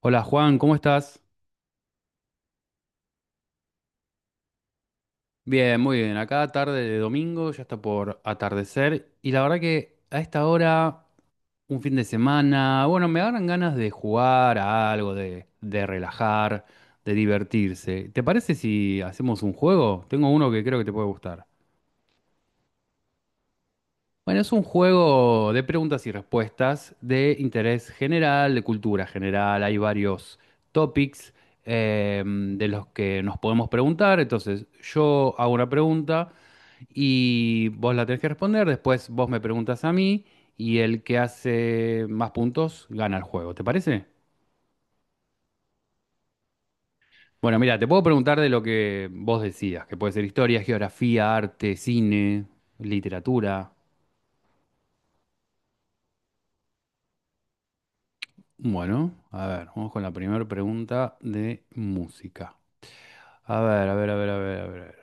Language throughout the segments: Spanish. Hola Juan, ¿cómo estás? Bien, muy bien. Acá tarde de domingo, ya está por atardecer. Y la verdad que a esta hora, un fin de semana, bueno, me dan ganas de jugar a algo, de relajar, de divertirse. ¿Te parece si hacemos un juego? Tengo uno que creo que te puede gustar. Bueno, es un juego de preguntas y respuestas de interés general, de cultura general. Hay varios topics de los que nos podemos preguntar. Entonces, yo hago una pregunta y vos la tenés que responder, después vos me preguntas a mí y el que hace más puntos gana el juego, ¿te parece? Bueno, mira, te puedo preguntar de lo que vos decías, que puede ser historia, geografía, arte, cine, literatura. Bueno, a ver, vamos con la primera pregunta de música. A ver, a ver, a ver, a ver, a ver.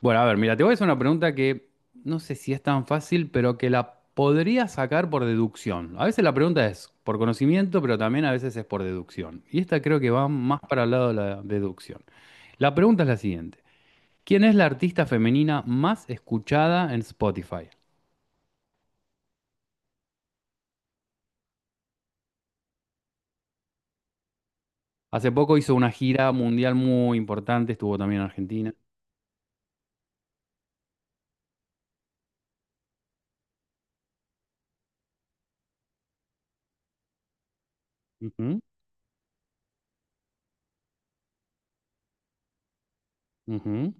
Bueno, a ver, mira, te voy a hacer una pregunta que no sé si es tan fácil, pero que la podría sacar por deducción. A veces la pregunta es por conocimiento, pero también a veces es por deducción. Y esta creo que va más para el lado de la deducción. La pregunta es la siguiente. ¿Quién es la artista femenina más escuchada en Spotify? Hace poco hizo una gira mundial muy importante, estuvo también en Argentina. Ujú, ujú.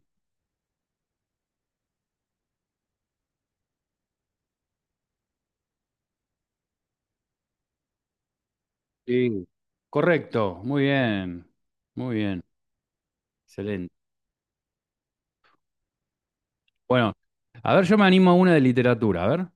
Sí. Correcto, muy bien, excelente. Bueno, a ver, yo me animo a una de literatura, a ver.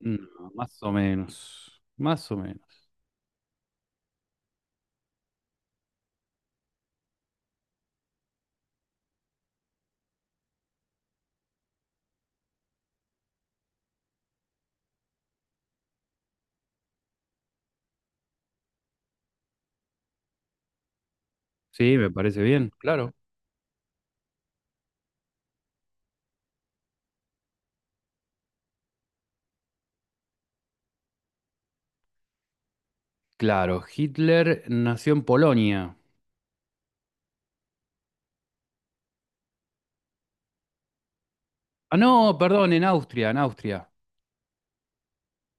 No, más o menos, más o menos. Sí, me parece bien, claro. Claro, Hitler nació en Polonia. Ah, no, perdón, en Austria, en Austria.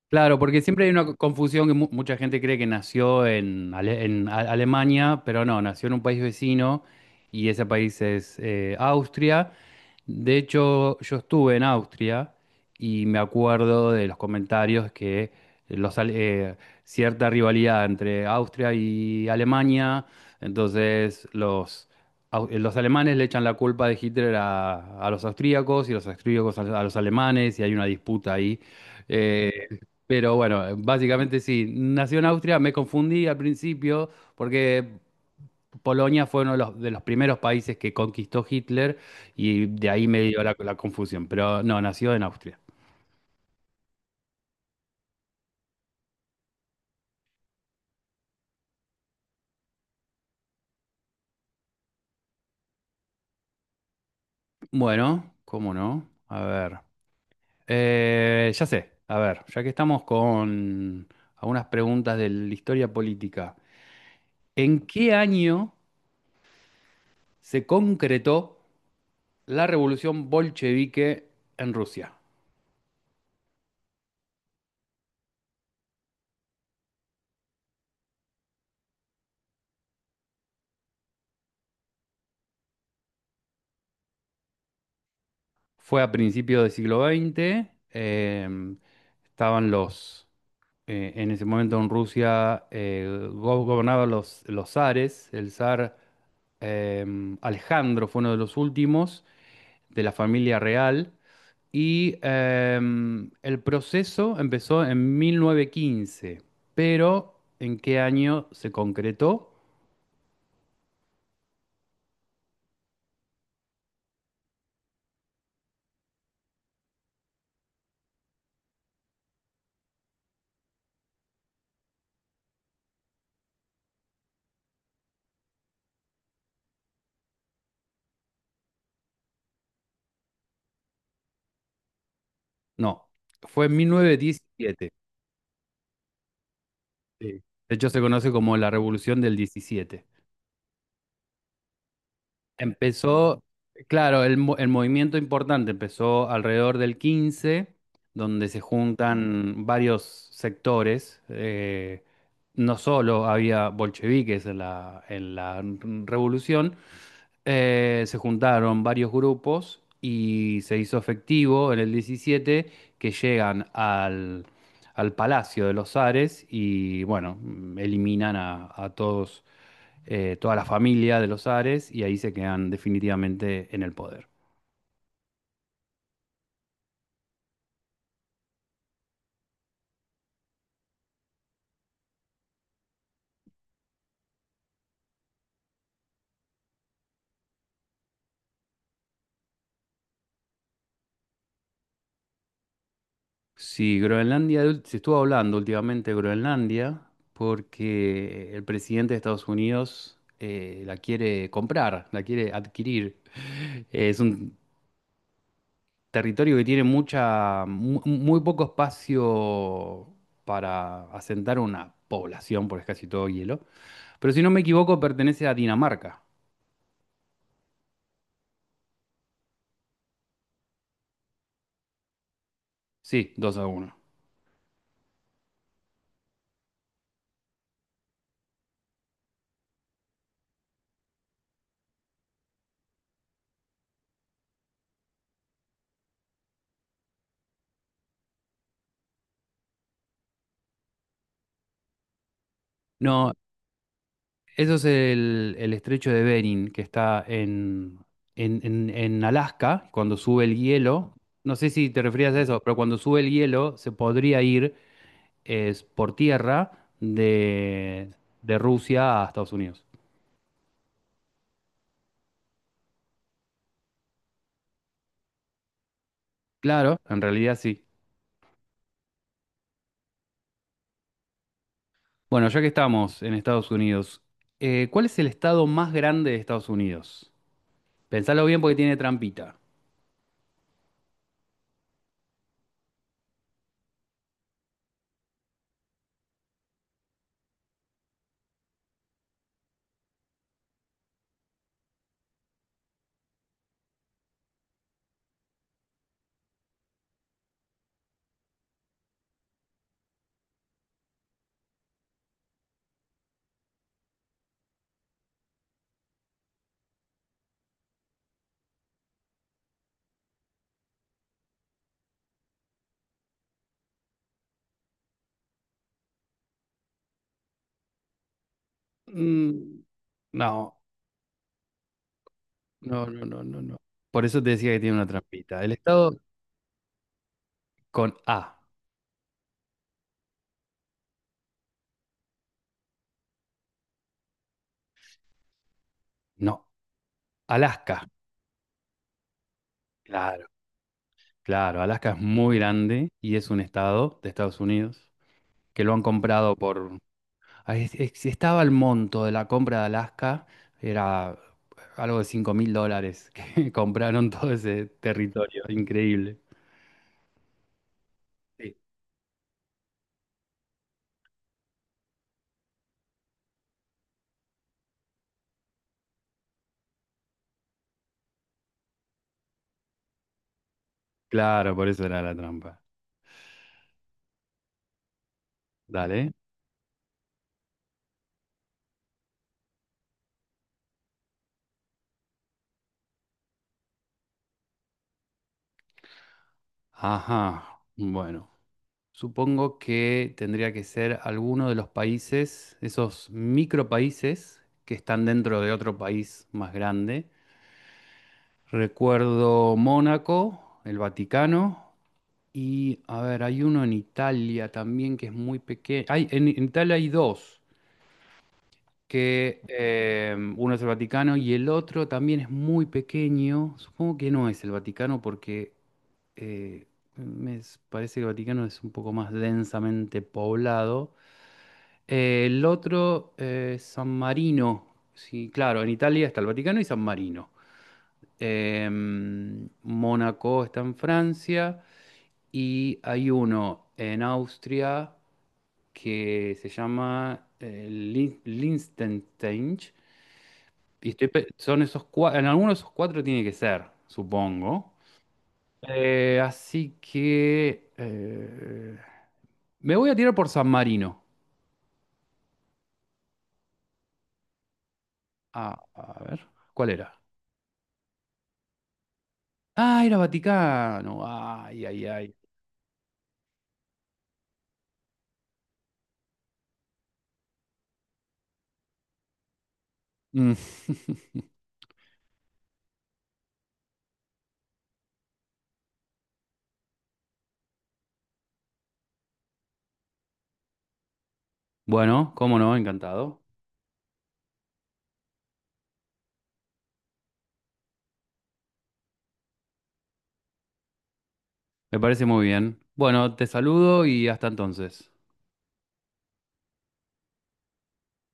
Claro, porque siempre hay una confusión que mucha gente cree que nació en, Alemania, pero no, nació en un país vecino y ese país es Austria. De hecho, yo estuve en Austria y me acuerdo de los comentarios que los, ale- eh, cierta rivalidad entre Austria y Alemania, entonces los alemanes le echan la culpa de Hitler a los austríacos y los austríacos a los alemanes y hay una disputa ahí. Eh, pero bueno, básicamente sí, nació en Austria, me confundí al principio porque Polonia fue uno de los primeros países que conquistó Hitler y de ahí me dio la, la confusión, pero no, nació en Austria. Bueno, ¿cómo no? A ver, ya sé, a ver, ya que estamos con algunas preguntas de la historia política, ¿en qué año se concretó la revolución bolchevique en Rusia? Fue a principios del siglo XX. Estaban los, en ese momento en Rusia gobernaban los zares. El zar Alejandro fue uno de los últimos de la familia real. Y el proceso empezó en 1915. ¿Pero en qué año se concretó? No, fue en 1917. Sí. De hecho, se conoce como la Revolución del 17. Empezó, claro, el movimiento importante empezó alrededor del 15 donde se juntan varios sectores. No solo había bolcheviques en la revolución, se juntaron varios grupos y se hizo efectivo en el 17 que llegan al Palacio de los Ares y bueno, mm, eliminan a todos, toda la familia de los Ares y ahí se quedan definitivamente en el poder. Sí, Groenlandia, se estuvo hablando últimamente de Groenlandia porque el presidente de Estados Unidos la quiere comprar, la quiere adquirir. Es un territorio que tiene mucha, muy poco espacio para asentar una población, porque es casi todo hielo. Pero si no me equivoco, pertenece a Dinamarca. Sí, 2-1. No, eso es el estrecho de Bering, que está en, en Alaska, cuando sube el hielo. No sé si te referías a eso, pero cuando sube el hielo se podría ir es, por tierra de Rusia a Estados Unidos. Claro, en realidad sí. Bueno, ya que estamos en Estados Unidos, ¿cuál es el estado más grande de Estados Unidos? Pensalo bien porque tiene trampita. Mm, no. No, no, no, no, no. Por eso te decía que tiene una trampita. El estado con A. No, Alaska. Claro, claro. Alaska es muy grande y es un estado de Estados Unidos que lo han comprado por... Ahí estaba el monto de la compra de Alaska, era algo de $5.000 que compraron todo ese territorio. Increíble. Sí. Claro, por eso era la trampa. Dale. Ajá. Bueno. Supongo que tendría que ser alguno de los países, esos micropaíses que están dentro de otro país más grande. Recuerdo Mónaco, el Vaticano y, a ver, hay uno en Italia también que es muy pequeño. Hay, en Italia hay dos, que uno es el Vaticano y el otro también es muy pequeño. Supongo que no es el Vaticano porque eh, parece que el Vaticano es un poco más densamente poblado. El otro, San Marino. Sí, claro, en Italia está el Vaticano y San Marino. Mónaco está en Francia y hay uno en Austria que se llama Liechtenstein. Y estoy son esos cuatro, en alguno de esos cuatro tiene que ser, supongo. Así que me voy a tirar por San Marino. Ah, a ver, ¿cuál era? Ah, era Vaticano. Ay, ay, ay. Mm. Bueno, cómo no, encantado. Me parece muy bien. Bueno, te saludo y hasta entonces.